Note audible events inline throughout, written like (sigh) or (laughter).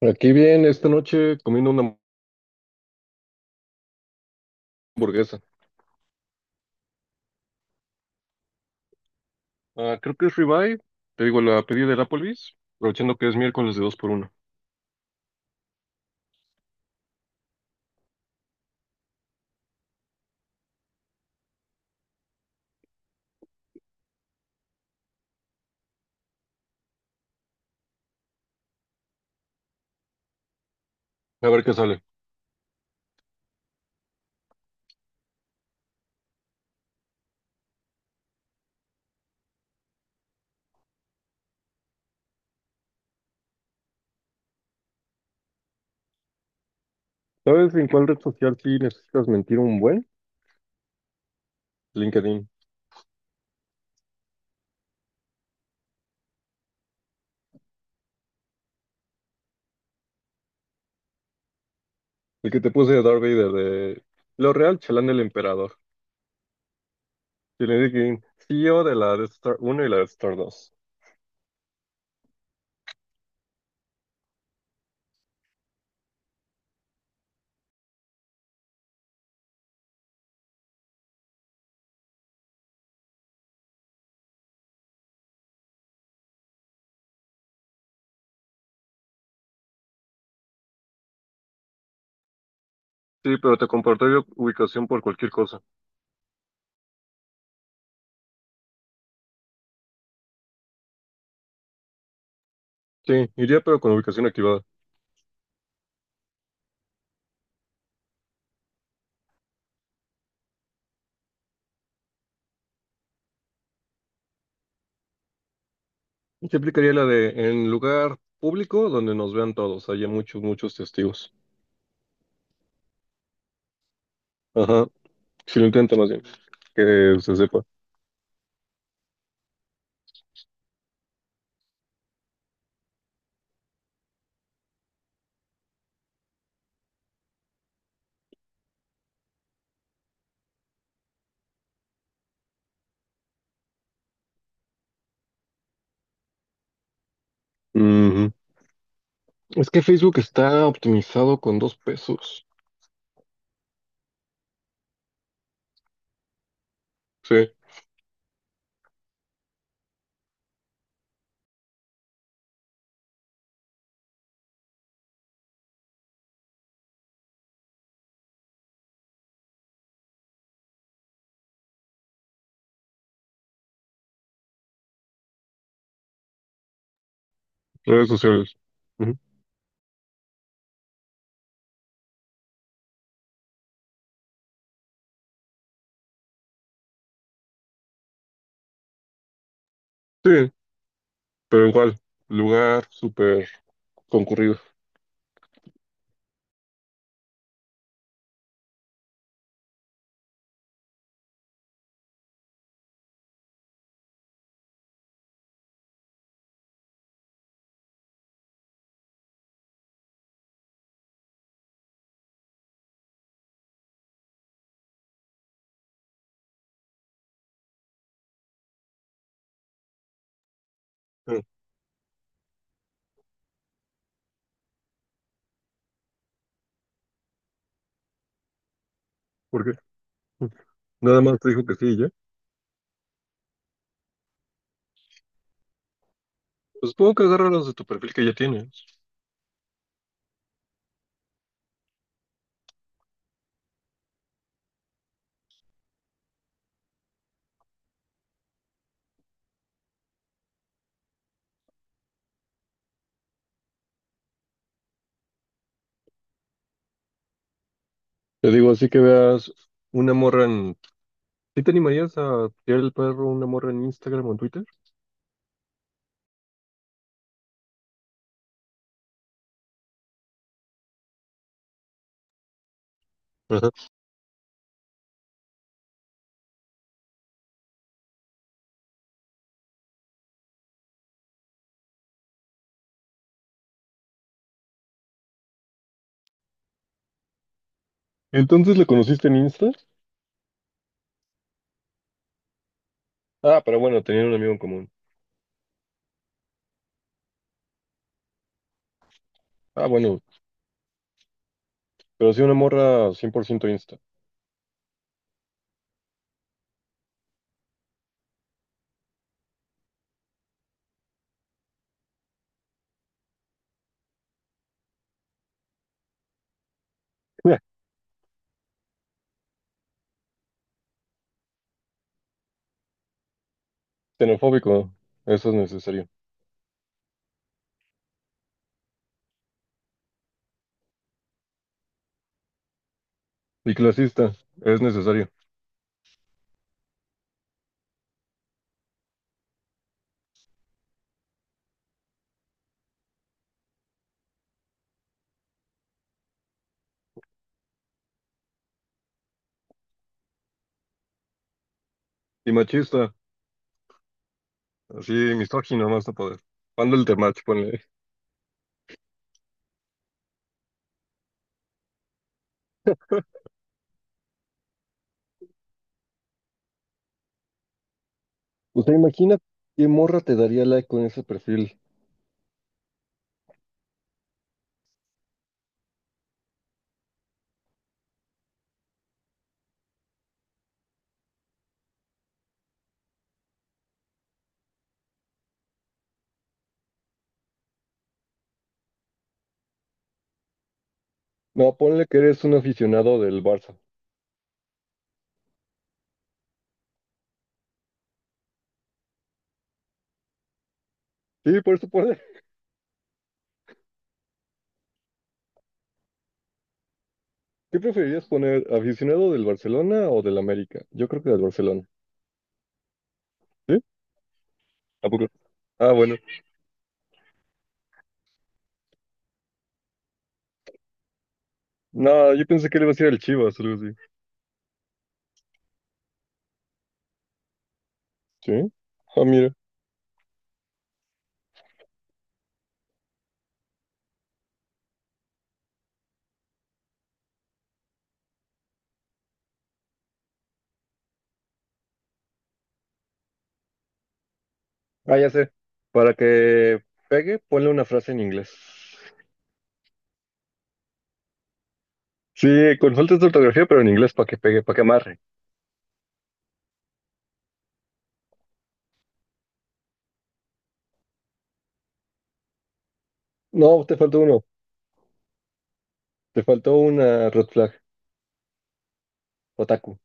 Aquí bien, esta noche comiendo una hamburguesa. Ah, creo que es ribeye, te digo, la pedí del Applebee's, aprovechando que es miércoles de dos por uno. A ver qué sale. ¿Sabes en cuál red social sí necesitas mentir un buen? LinkedIn. El que te puse de Darth Vader de lo real chalán del emperador. Y le dije, CEO de la Death Star Uno y la Death Star Dos. Sí, pero te compartiría ubicación por cualquier cosa. Sí, iría pero con ubicación activada. Y te aplicaría la de en lugar público donde nos vean todos, haya muchos, muchos testigos. Ajá. Si lo intenta más bien, que se sepa. Ujú. Es que Facebook está optimizado con dos pesos. Sí, redes sociales. Ujú. Sí, pero igual, lugar súper concurrido. Pero, ¿por qué? Nada más te dijo que sí, ¿y ya? Pues supongo que agarra los de tu perfil que ya tienes. Te digo, así que veas una morra en... ¿Sí te animarías a tirar el perro a una morra en Instagram o en Twitter? Ajá. Entonces, ¿la conociste en Insta? Ah, pero bueno, tenían un amigo en común. Ah, bueno, pero sí una morra 100% Insta. (laughs) Xenofóbico, eso es necesario. Y clasista, es necesario. Y machista, así misógino más no poder. Cuando el temach, ponle. O sea, imagina qué morra te daría like con ese perfil. No, ponle que eres un aficionado del Barça. Sí, por eso ponle. (laughs) ¿Qué preferirías poner? ¿Aficionado del Barcelona o del América? Yo creo que del Barcelona. ¿Sí? ¿A poco? Ah, bueno. No, yo pensé que le iba a decir al Chivas, algo así. ¿Sí? Ah, mira. Ah, ya sé. Para que pegue, ponle una frase en inglés. Sí, consultas de ortografía, pero en inglés para que pegue, para que amarre. No, te faltó uno. Te faltó una red flag, otaku.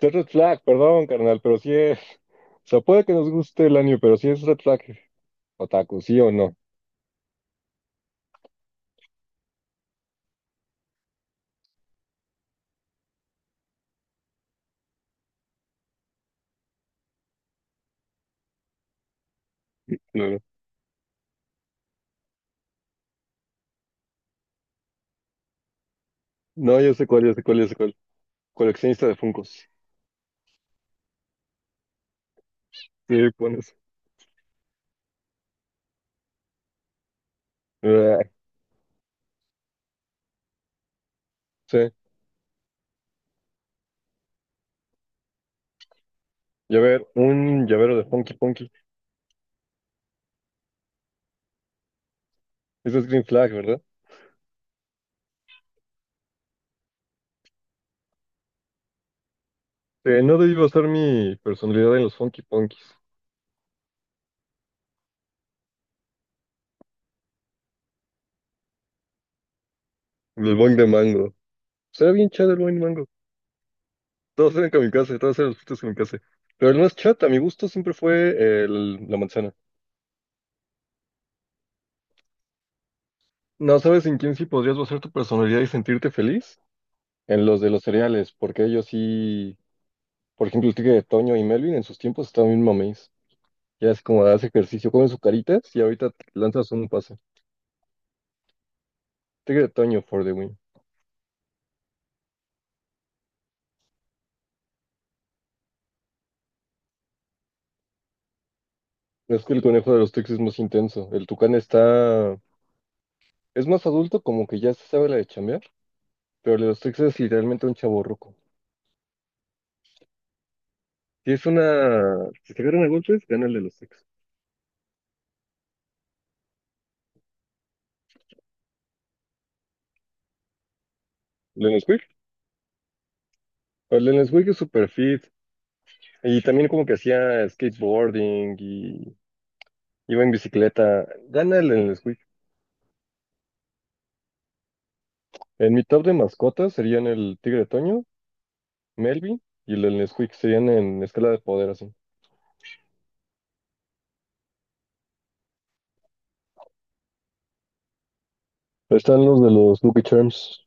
Es red flag, perdón, carnal, pero sí es. O sea, puede que nos guste el anime, pero sí es red flag, otaku, ¿sí o no? No, no. No, yo sé cuál, yo sé cuál, yo sé cuál. Coleccionista de Funkos. Sí, pones. Ah, sí. Llavero, un llavero de Funky Punky. Eso es green flag, ¿verdad? No debí basar mi personalidad en los Funky Punkies. El boing de mango. Será bien chido el boing de mango. Todos eran kamikaze, todos eran los frutos kamikaze. Pero el más chat, a mi gusto, siempre fue la manzana. No sabes en quién sí podrías basar tu personalidad y sentirte feliz. En los de los cereales, porque ellos sí. Por ejemplo, el tigre de Toño y Melvin en sus tiempos estaban bien mames. Ya es como hace ejercicio, comen sus caritas y ahorita lanzas un pase. Tigre de Toño for the win. Es que el conejo de los Tex es más intenso. El tucán está. Es más adulto, como que ya se sabe la de chambear. Pero el de los Tex es literalmente un chavo. Si es una. Si se agarran a golpes, gana el de los sexos. ¿El de Nesquik? El de Nesquik es super fit. Y también como que hacía skateboarding y iba en bicicleta. Gana el de Nesquik. En mi top de mascotas serían el Tigre Toño, Melvin y el de Nesquik serían en escala de poder así. Están los de los Lucky Charms.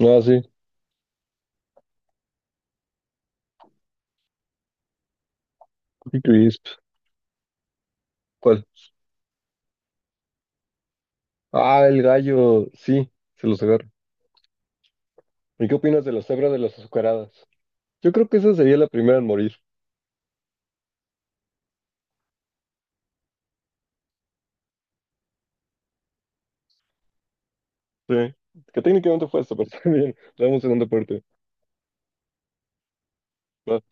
Ah, sí. Cookie Crisp. ¿Cuál? Ah, el gallo. Sí, se los agarro. ¿Y qué opinas de la cebra de las azucaradas? Yo creo que esa sería la primera en morir. Sí, que técnicamente fue eso, pero (laughs) está bien. Le damos segunda parte. Va.